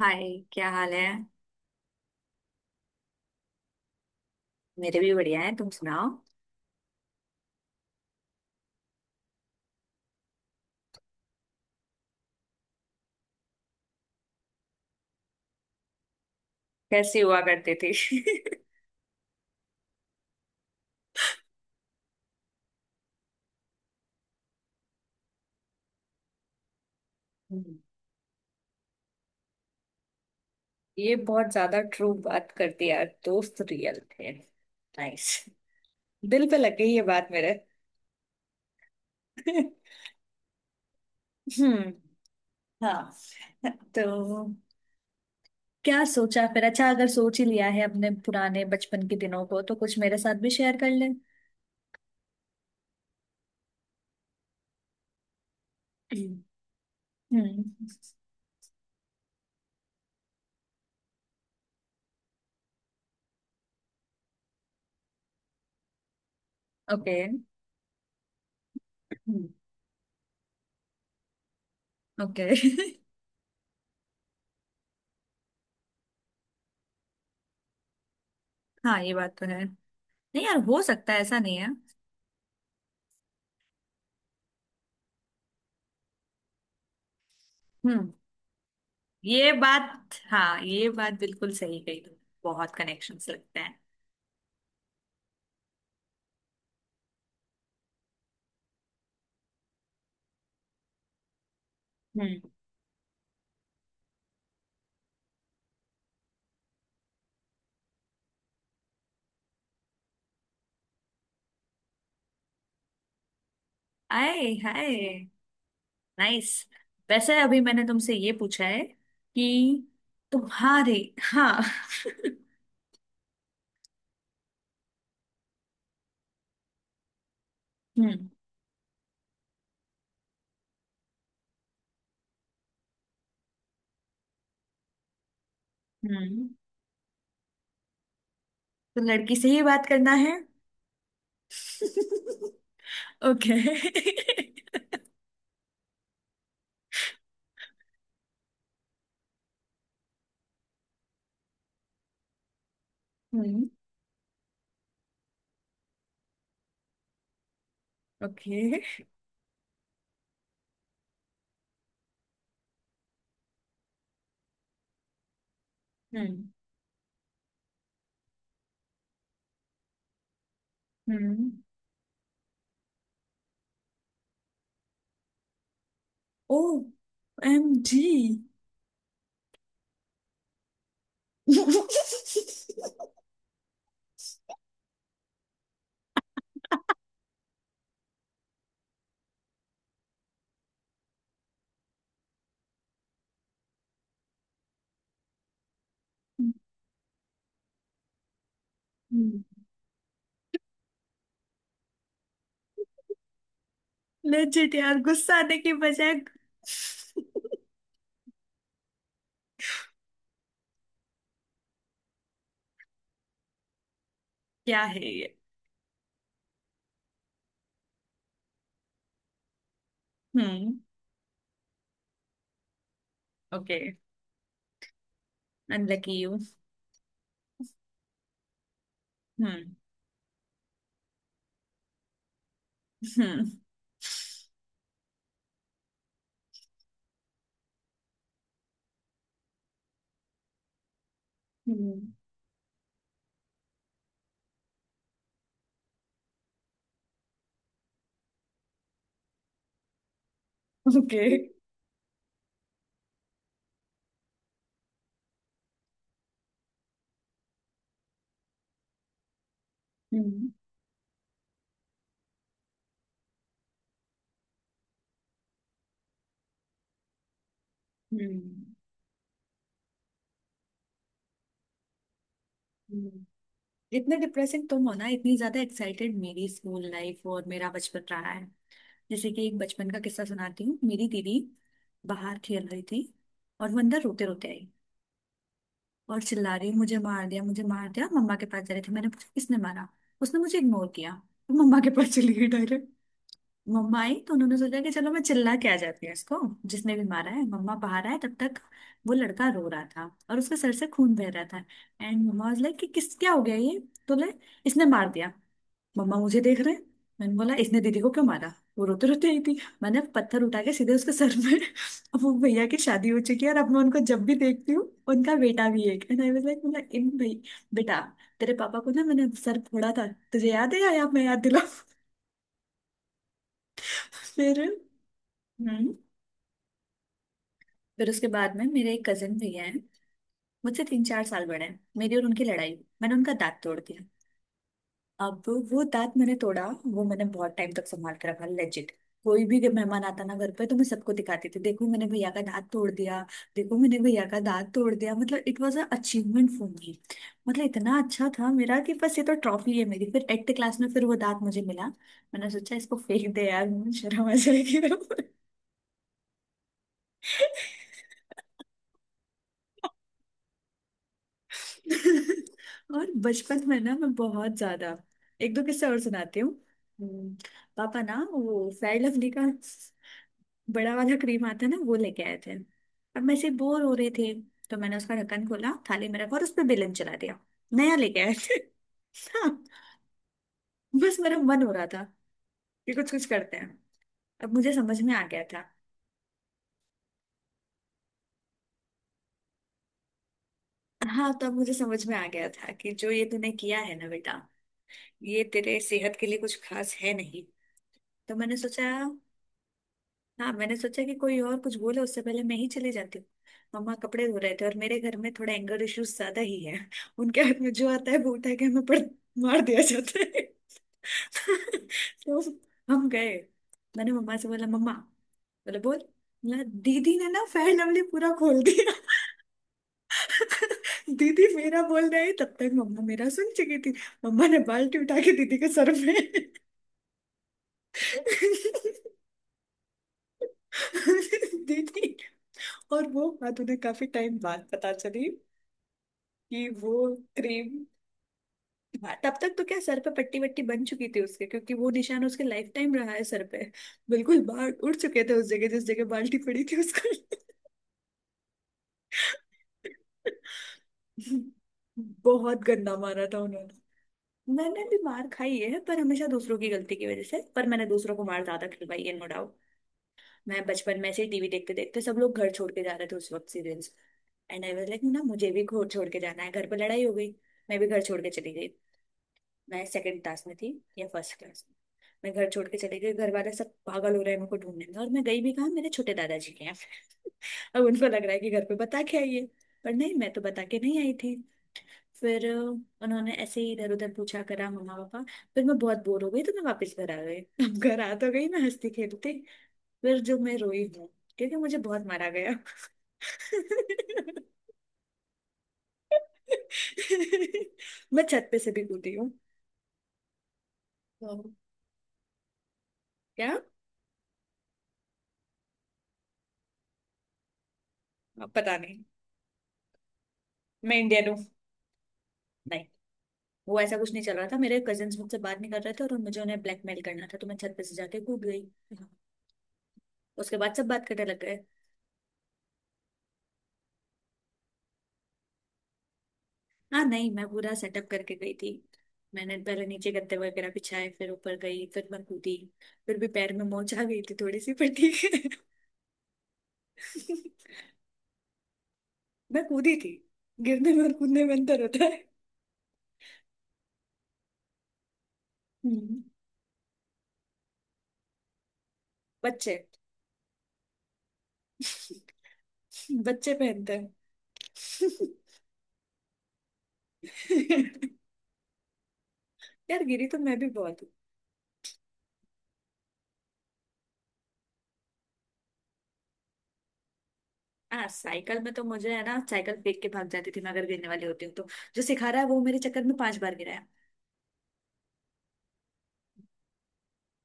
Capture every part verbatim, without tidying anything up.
हाय। क्या हाल है? मेरे भी बढ़िया है, तुम सुनाओ। कैसी हुआ करते थे? हम्म। ये बहुत ज्यादा ट्रू बात करती यार, दोस्त रियल थे, नाइस। दिल पे लग गई ये बात मेरे। हम्म। हाँ, तो क्या सोचा फिर? अच्छा, अगर सोच ही लिया है अपने पुराने बचपन के दिनों को, तो कुछ मेरे साथ भी शेयर कर ले। हम्म। ओके। ओके। हाँ, ये बात तो है। नहीं यार, हो सकता है, ऐसा नहीं है। हम्म। ये बात, हाँ, ये बात बिल्कुल सही कही तुमने। बहुत कनेक्शंस लगते हैं। हम्म। आए हाय, नाइस। वैसे अभी मैंने तुमसे ये पूछा है कि तुम्हारे, हाँ, हम्म। हम्म, तो लड़की से ही बात करना है? ओके। हम्म। ओके। हम्म। हम्म। O M G. लेजिट यार गुस्सा आने की बजाय क्या है ये? हम्म। Okay. Unlucky you. Hmm. Hmm. Hmm. Okay. हम्म। हम्म, जितने डिप्रेसिंग तुम हो ना, इतनी ज्यादा एक्साइटेड मेरी स्कूल लाइफ और मेरा बचपन रहा है। जैसे कि एक बचपन का किस्सा सुनाती हूँ। मेरी दीदी बाहर खेल रही थी और वो अंदर रोते रोते आई और चिल्ला रही, मुझे मार दिया, मुझे मार दिया। मम्मा के पास जा रही थी। मैंने पूछा, किसने मारा? उसने मुझे इग्नोर किया तो मम्मा के पास चली गई डायरेक्ट। मम्मा आई तो उन्होंने सोचा कि चलो मैं चिल्ला के आ जाती हूँ इसको, जिसने भी मारा है। मम्मा बाहर आए तब तक वो लड़का रो रहा था और उसके सर से खून बह रहा था। एंड मम्मा वाज लाइक कि किस, क्या हो गया ये? तो ले, इसने मार दिया, मम्मा मुझे देख रहे हैं। मैंने बोला, इसने दीदी को क्यों मारा? वो रोते रोते आई थी, मैंने पत्थर उठा के सीधे उसके सर में। अब वो भैया की शादी हो चुकी है, और अब मैं उनको जब भी देखती हूँ, उनका बेटा भी एक, एंड आई वाज लाइक, मतलब इन भाई, बेटा, तेरे पापा को ना मैंने सर फोड़ा था। तुझे याद है या या मैं याद दिला? फिर हम्म। फिर उसके बाद में मेरे एक कजिन भैया हैं, मुझसे तीन चार साल बड़े हैं। मेरी और उनकी लड़ाई हुई, मैंने उनका दांत तोड़ दिया। अब वो दांत मैंने तोड़ा, वो मैंने बहुत टाइम तक संभाल के रखा, लेजिट। कोई भी मेहमान आता ना घर पे, तो मैं सबको दिखाती थी, देखो मैंने भैया का दांत तोड़ दिया, देखो मैंने भैया का दांत तोड़ दिया। मतलब it was a achievement for me. मतलब इतना अच्छा था मेरा कि बस, ये तो ट्रॉफी है मेरी। फिर एट्थ क्लास में फिर वो दांत मुझे मिला, मैंने सोचा इसको फेंक दे यार, मुझे शर्म आ जाएगी। और बचपन में ना मैं बहुत ज्यादा, एक दो किस्से और सुनाती हूँ। हम्म, पापा ना वो फेयर लवली का बड़ा वाला क्रीम आता है ना, वो लेके आए थे, और मैं ऐसे बोर हो रहे थे तो मैंने उसका ढक्कन खोला, थाली में रखा और उस पर बेलन चला दिया। नया लेके आए थे। हाँ, बस मेरा मन हो रहा था कि कुछ कुछ करते हैं। अब मुझे समझ में आ गया था। हाँ, तब मुझे समझ में आ गया था कि जो ये तूने किया है ना बेटा, ये तेरे सेहत के लिए कुछ खास है नहीं। तो मैंने सोचा, हाँ मैंने सोचा कि कोई और कुछ बोले उससे पहले मैं ही चली जाती हूँ। मम्मा कपड़े धो रहे थे, और मेरे घर में थोड़ा एंगर इश्यूज ज्यादा ही है उनके हाथ में जो आता है वो उठा के हमें पड़, मार दिया जाता है। तो हम गए, मैंने मम्मा से बोला, मम्मा बोले बोल बोला, दीदी ने ना फेयर लवली पूरा खोल दिया। दीदी मेरा बोल रही, तब तक मम्मा मेरा सुन चुकी थी। मम्मा ने बाल्टी उठा के दीदी के सर में दीदी। और वो बात उन्हें काफी टाइम बाद पता चली कि वो क्रीम। तब तक तो क्या, सर पे पट्टी वट्टी बन चुकी थी उसके, क्योंकि वो निशान उसके लाइफ टाइम रहा है सर पे। बिल्कुल बाल उड़ चुके थे उस जगह, जिस जगह बाल्टी पड़ी थी उसको। बहुत गंदा मारा था उन्होंने। मैंने भी मार खाई है, पर हमेशा दूसरों की गलती की वजह से, पर मैंने दूसरों को मार ज्यादा खिलवाई है, नो डाउट। मैं बचपन में से ही टीवी देखते देखते, सब लोग घर छोड़ के जा रहे थे उस वक्त serials, and I was like ना, मुझे भी घर छोड़ के जाना है। घर पर लड़ाई हो गई, मैं भी घर छोड़ के चली गई। मैं सेकंड क्लास में थी या फर्स्ट क्लास में। मैं घर छोड़ के चली गई, घर वाले सब पागल हो रहे हैं मेरे को ढूंढने में, और मैं गई भी कहाँ, मेरे छोटे दादाजी के यहाँ। अब उनको लग रहा है कि घर पे बता के आई है, पर नहीं, मैं तो बता के नहीं आई थी। फिर अ, उन्होंने ऐसे ही इधर उधर पूछा करा मम्मा पापा। फिर मैं बहुत बोर हो गई तो मैं वापस घर आ गई। अब घर आ तो गई मैं हंसती खेलती, फिर जो मैं रोई हूँ, क्योंकि मुझे बहुत मारा गया। मैं छत पे से भी कूदी हूँ। तो क्या? अब पता नहीं, मैं इंडियन हूँ। नहीं, वो ऐसा कुछ नहीं चल रहा था, मेरे कजिन्स मुझसे बात नहीं कर रहे थे और मुझे उन्हें ब्लैकमेल करना था, तो मैं छत पे से जाके कूद गई। उसके बाद सब बात करने लग गए। हाँ नहीं, मैं पूरा सेटअप करके गई थी। मैंने पहले नीचे गद्दे वगैरह बिछाए, फिर ऊपर गई, फिर मैं कूदी। फिर भी पैर में मोच आ गई थी थोड़ी सी, पर ठीक है। मैं कूदी थी, गिरने में और कूदने में अंतर होता है। हम्म, बच्चे। बच्चे पहनते हैं। यार गिरी तो मैं भी बहुत हूँ। हाँ साइकिल में तो मुझे है ना, साइकिल फेंक के भाग जाती थी मैं, अगर गिरने वाली होती हूँ तो। जो सिखा रहा है वो मेरे चक्कर में पांच बार गिराया।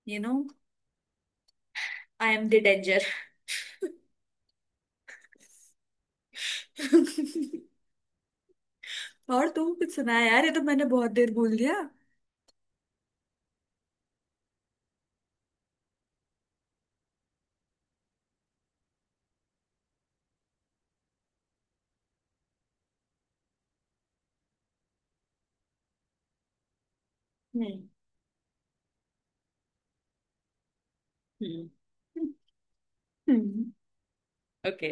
You know, I am the danger. और तुम? कुछ सुनाया यार ये तो, मैंने बहुत देर भूल दिया। हम्म। हम्म। ओके।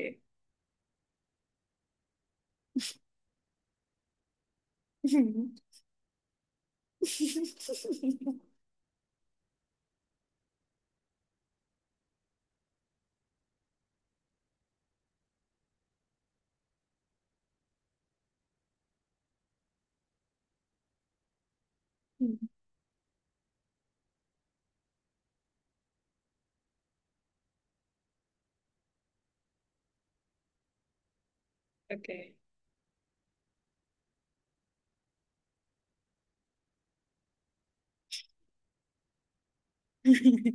ओके। नहीं।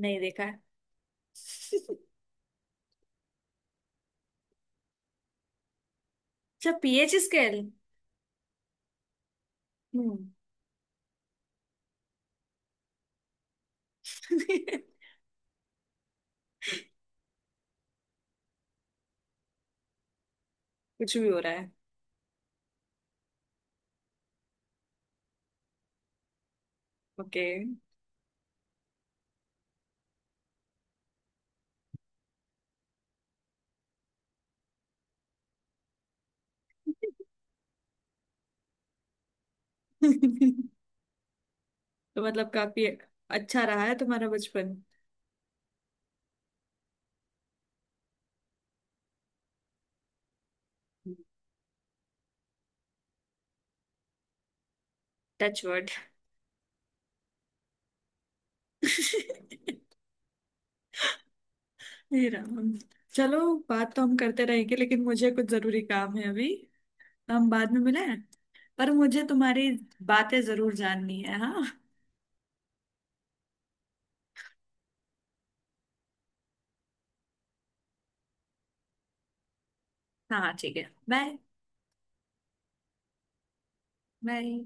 देखा है। अच्छा, पी एच स्केल। हम्म। कुछ भी हो रहा है। ओके। तो मतलब काफी अच्छा रहा है तुम्हारा बचपन। Touch word. हे राम। चलो, बात तो हम करते रहेंगे, लेकिन मुझे कुछ जरूरी काम है अभी। तो हम बाद में मिले हैं। पर मुझे तुम्हारी बातें जरूर जाननी है। हाँ। हाँ ठीक है। बाय। बाय।